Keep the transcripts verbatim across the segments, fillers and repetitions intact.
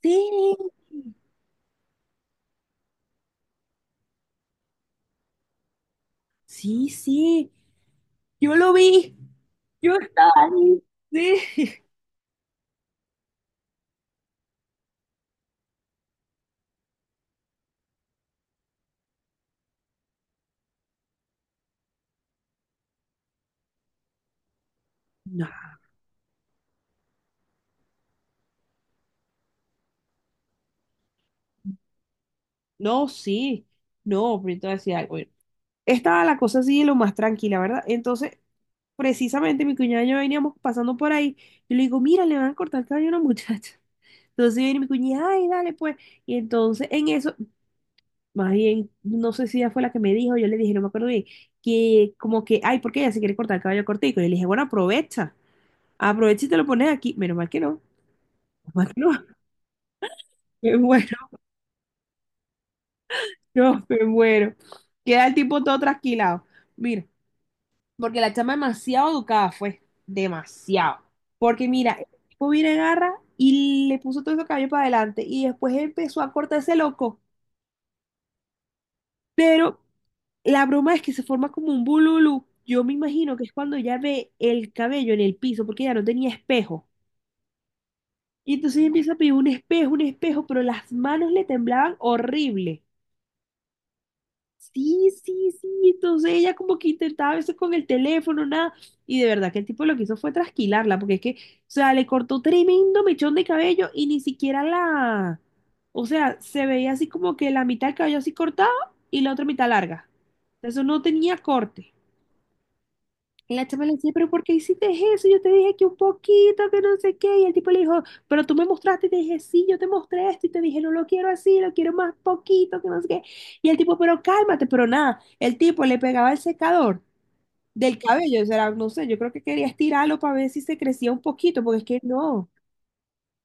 Sí, sí, sí, yo lo vi, yo estaba ahí, sí. No, no, sí, no, pero entonces decía algo. Bueno, estaba la cosa así de lo más tranquila, ¿verdad? Entonces, precisamente mi cuñada y yo veníamos pasando por ahí, y le digo, mira, le van a cortar el cabello a una muchacha. Entonces viene mi cuñada, ay, dale pues. Y entonces en eso, más bien, no sé si ella fue la que me dijo, yo le dije, no me acuerdo bien, que como que, ay, ¿por qué ella se quiere cortar el cabello cortico? Y le dije, bueno, aprovecha. Aprovecha y te lo pones aquí. Menos mal que no. Menos mal que no. Me muero, no, me muero. Queda el tipo todo trasquilado. Mira, porque la chama demasiado educada fue. Demasiado. Porque mira, el tipo viene, agarra y le puso todo ese cabello para adelante. Y después empezó a cortarse loco. Pero la broma es que se forma como un bululú. Yo me imagino que es cuando ya ve el cabello en el piso, porque ya no tenía espejo. Y entonces ella empieza a pedir un espejo, un espejo, pero las manos le temblaban horrible. Sí, sí, sí. Entonces ella como que intentaba a veces con el teléfono, nada. Y de verdad que el tipo lo que hizo fue trasquilarla, porque es que, o sea, le cortó tremendo mechón de cabello y ni siquiera la, o sea, se veía así como que la mitad del cabello así cortado y la otra mitad larga. Eso no tenía corte. Y la chama le decía, pero ¿por qué hiciste eso? Yo te dije que un poquito, que no sé qué. Y el tipo le dijo, pero tú me mostraste y te dije, sí, yo te mostré esto y te dije, no lo quiero así, lo quiero más poquito, que no sé qué. Y el tipo, pero cálmate, pero nada. El tipo le pegaba el secador del cabello, o sea, no sé, yo creo que quería estirarlo para ver si se crecía un poquito, porque es que no.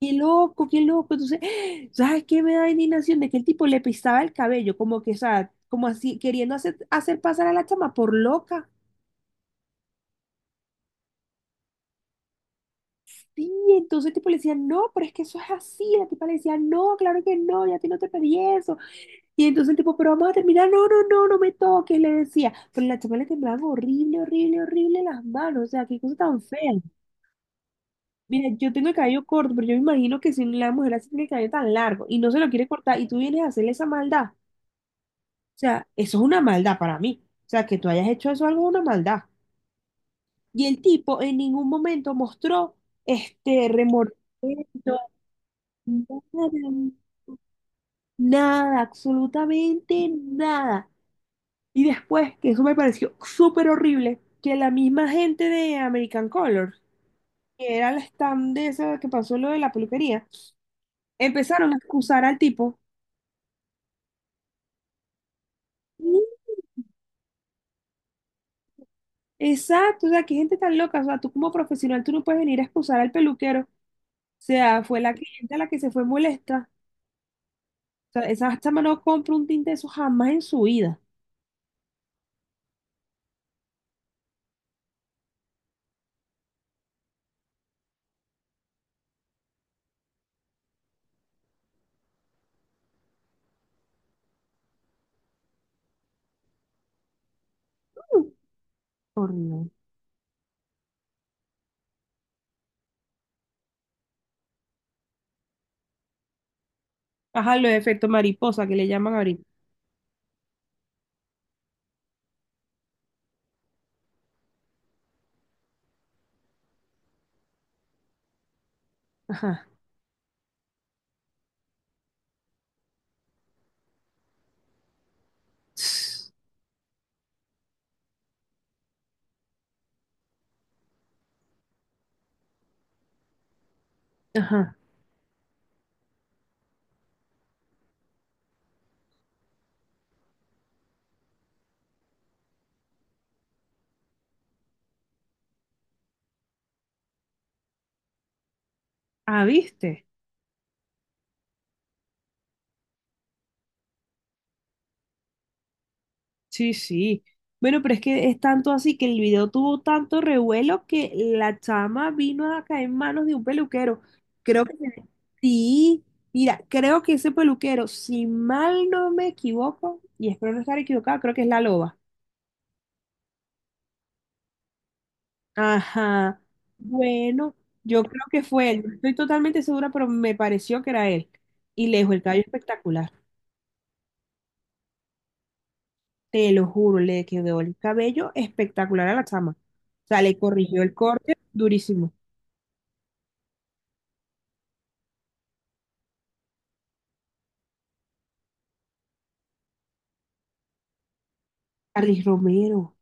Qué loco, qué loco. Entonces, ¿sabes qué me da indignación? De que el tipo le pisaba el cabello, como que, o sea, como así, queriendo hacer, hacer pasar a la chama por loca. Sí, entonces tipo le decía, no, pero es que eso es así. La tipa le decía, no, claro que no, ya a ti no te pedí eso. Y entonces el tipo, pero vamos a terminar, no, no, no, no me toques, le decía. Pero la chama le temblaban horrible, horrible, horrible las manos, o sea, qué cosa tan fea. Mira, yo tengo el cabello corto, pero yo me imagino que si la mujer así tiene el cabello tan largo y no se lo quiere cortar y tú vienes a hacerle esa maldad, o sea, eso es una maldad para mí. O sea, que tú hayas hecho eso algo es una maldad. Y el tipo en ningún momento mostró este remordimiento, nada, nada, absolutamente nada. Y después, que eso me pareció súper horrible, que la misma gente de American Color, que era el stand de esa que pasó lo de la peluquería, empezaron a excusar al tipo. Mm, exacto, o sea, qué gente tan loca, o sea, tú como profesional, tú no puedes venir a excusar al peluquero. O sea, fue la cliente la que se fue molesta. O sea, esa chama no compra un tinte de eso jamás en su vida. Mm, horrible. Ajá, los efectos mariposa que le llaman ahorita. Ajá. Ajá. Ah, ¿viste? Sí, sí. Bueno, pero es que es tanto así que el video tuvo tanto revuelo que la chama vino a caer en manos de un peluquero. Creo que sí. Mira, creo que ese peluquero, si mal no me equivoco, y espero no estar equivocado, creo que es la loba. Ajá. Bueno, yo creo que fue él. No estoy totalmente segura, pero me pareció que era él. Y le dejó el cabello espectacular. Te lo juro, le quedó el cabello espectacular a la chama. O sea, le corrigió el corte durísimo. Carlos Romero.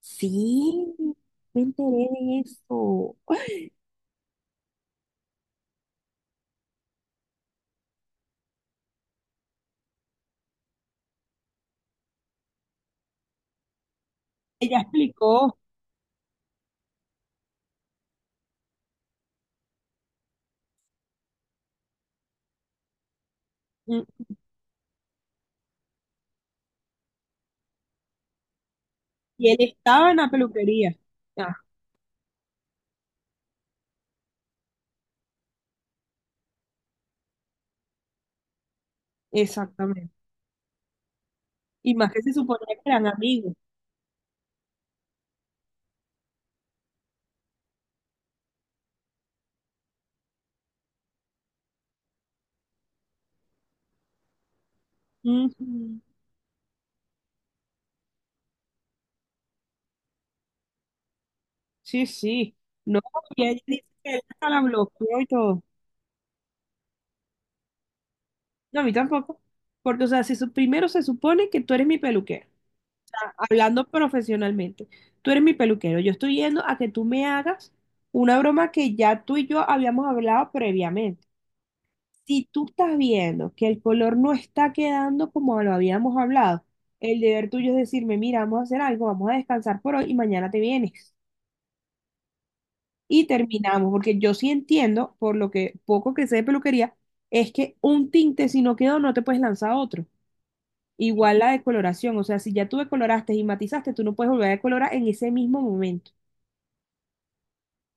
Sí, me enteré de eso. Ella explicó. Mm, y él estaba en la peluquería. Ah, exactamente. Y más que se suponía que eran amigos. Ujú. Sí, sí. No, y ella dice que él hasta la bloqueó y todo. No, a mí tampoco. Porque, o sea, si su- primero se supone que tú eres mi peluquero. Hablando profesionalmente, tú eres mi peluquero, yo estoy yendo a que tú me hagas una broma que ya tú y yo habíamos hablado previamente. Si tú estás viendo que el color no está quedando como lo habíamos hablado, el deber tuyo es decirme, mira, vamos a hacer algo, vamos a descansar por hoy y mañana te vienes. Y terminamos, porque yo sí entiendo, por lo que poco que sé de peluquería, es que un tinte si no quedó no te puedes lanzar otro. Igual la decoloración, o sea, si ya tú decoloraste y matizaste, tú no puedes volver a decolorar en ese mismo momento.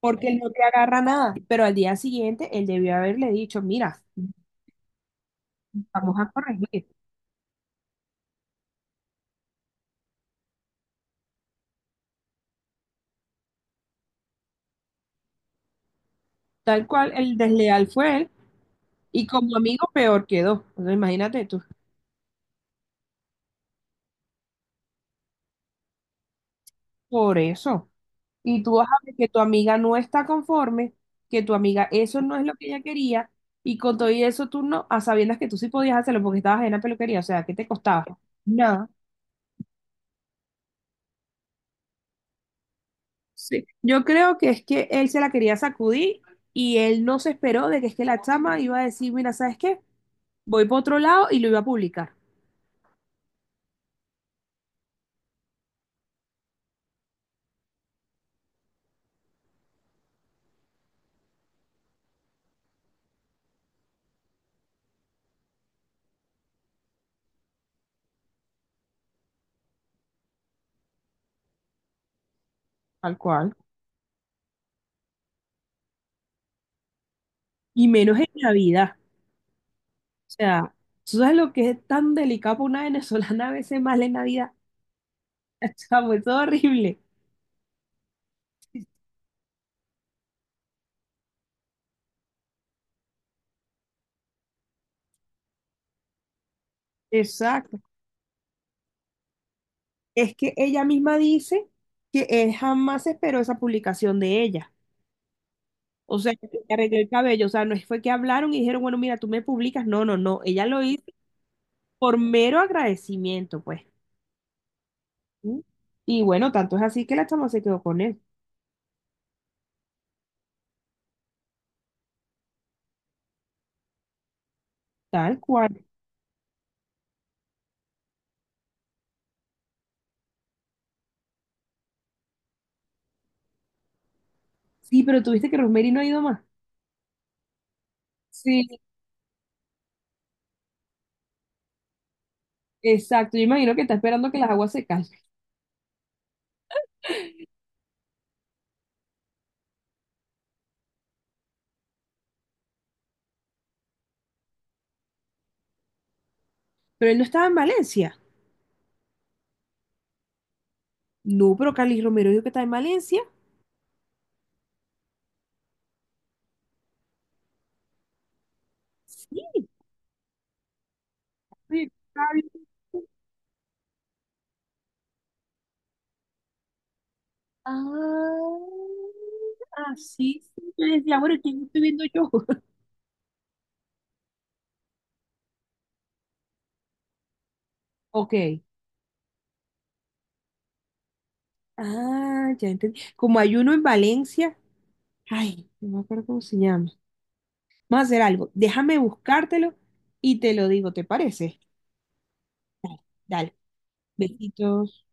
Porque él no te agarra nada, pero al día siguiente él debió haberle dicho, mira, vamos a corregir. Tal cual, el desleal fue él y como amigo peor quedó. Entonces, imagínate tú, por eso. Y tú vas a ver que tu amiga no está conforme, que tu amiga eso no es lo que ella quería y con todo y eso tú no, a sabiendas que tú sí podías hacerlo porque estabas en la peluquería, o sea, ¿qué te costaba? Nada. Sí. Yo creo que es que él se la quería sacudir y él no se esperó de que es que la chama iba a decir, mira, ¿sabes qué? Voy por otro lado y lo iba a publicar, tal cual. Y menos en Navidad. O sea, ¿tú sabes lo que es tan delicado para una venezolana a veces más en Navidad? O sea, fue todo horrible. Exacto. Es que ella misma dice que él jamás esperó esa publicación de ella. O sea, que le arregló el cabello. O sea, no fue que hablaron y dijeron, bueno, mira, tú me publicas. No, no, no. Ella lo hizo por mero agradecimiento, pues. ¿Mm? Y bueno, tanto es así que la chama se quedó con él. Tal cual. Sí, pero tuviste que Rosemary no ha ido más. Sí, exacto, yo imagino que está esperando que las aguas se calmen. Pero él no estaba en Valencia. No, pero Carlos Romero dijo que está en Valencia. Sí, sí, está bien. Ah, sí, sí. Yo decía, bueno, ¿quién estoy viendo yo? Ok. Ah, ya entendí. Como hay uno en Valencia. Ay, no me acuerdo cómo se llama. Vamos a hacer algo. Déjame buscártelo y te lo digo, ¿te parece? Dale. Besitos.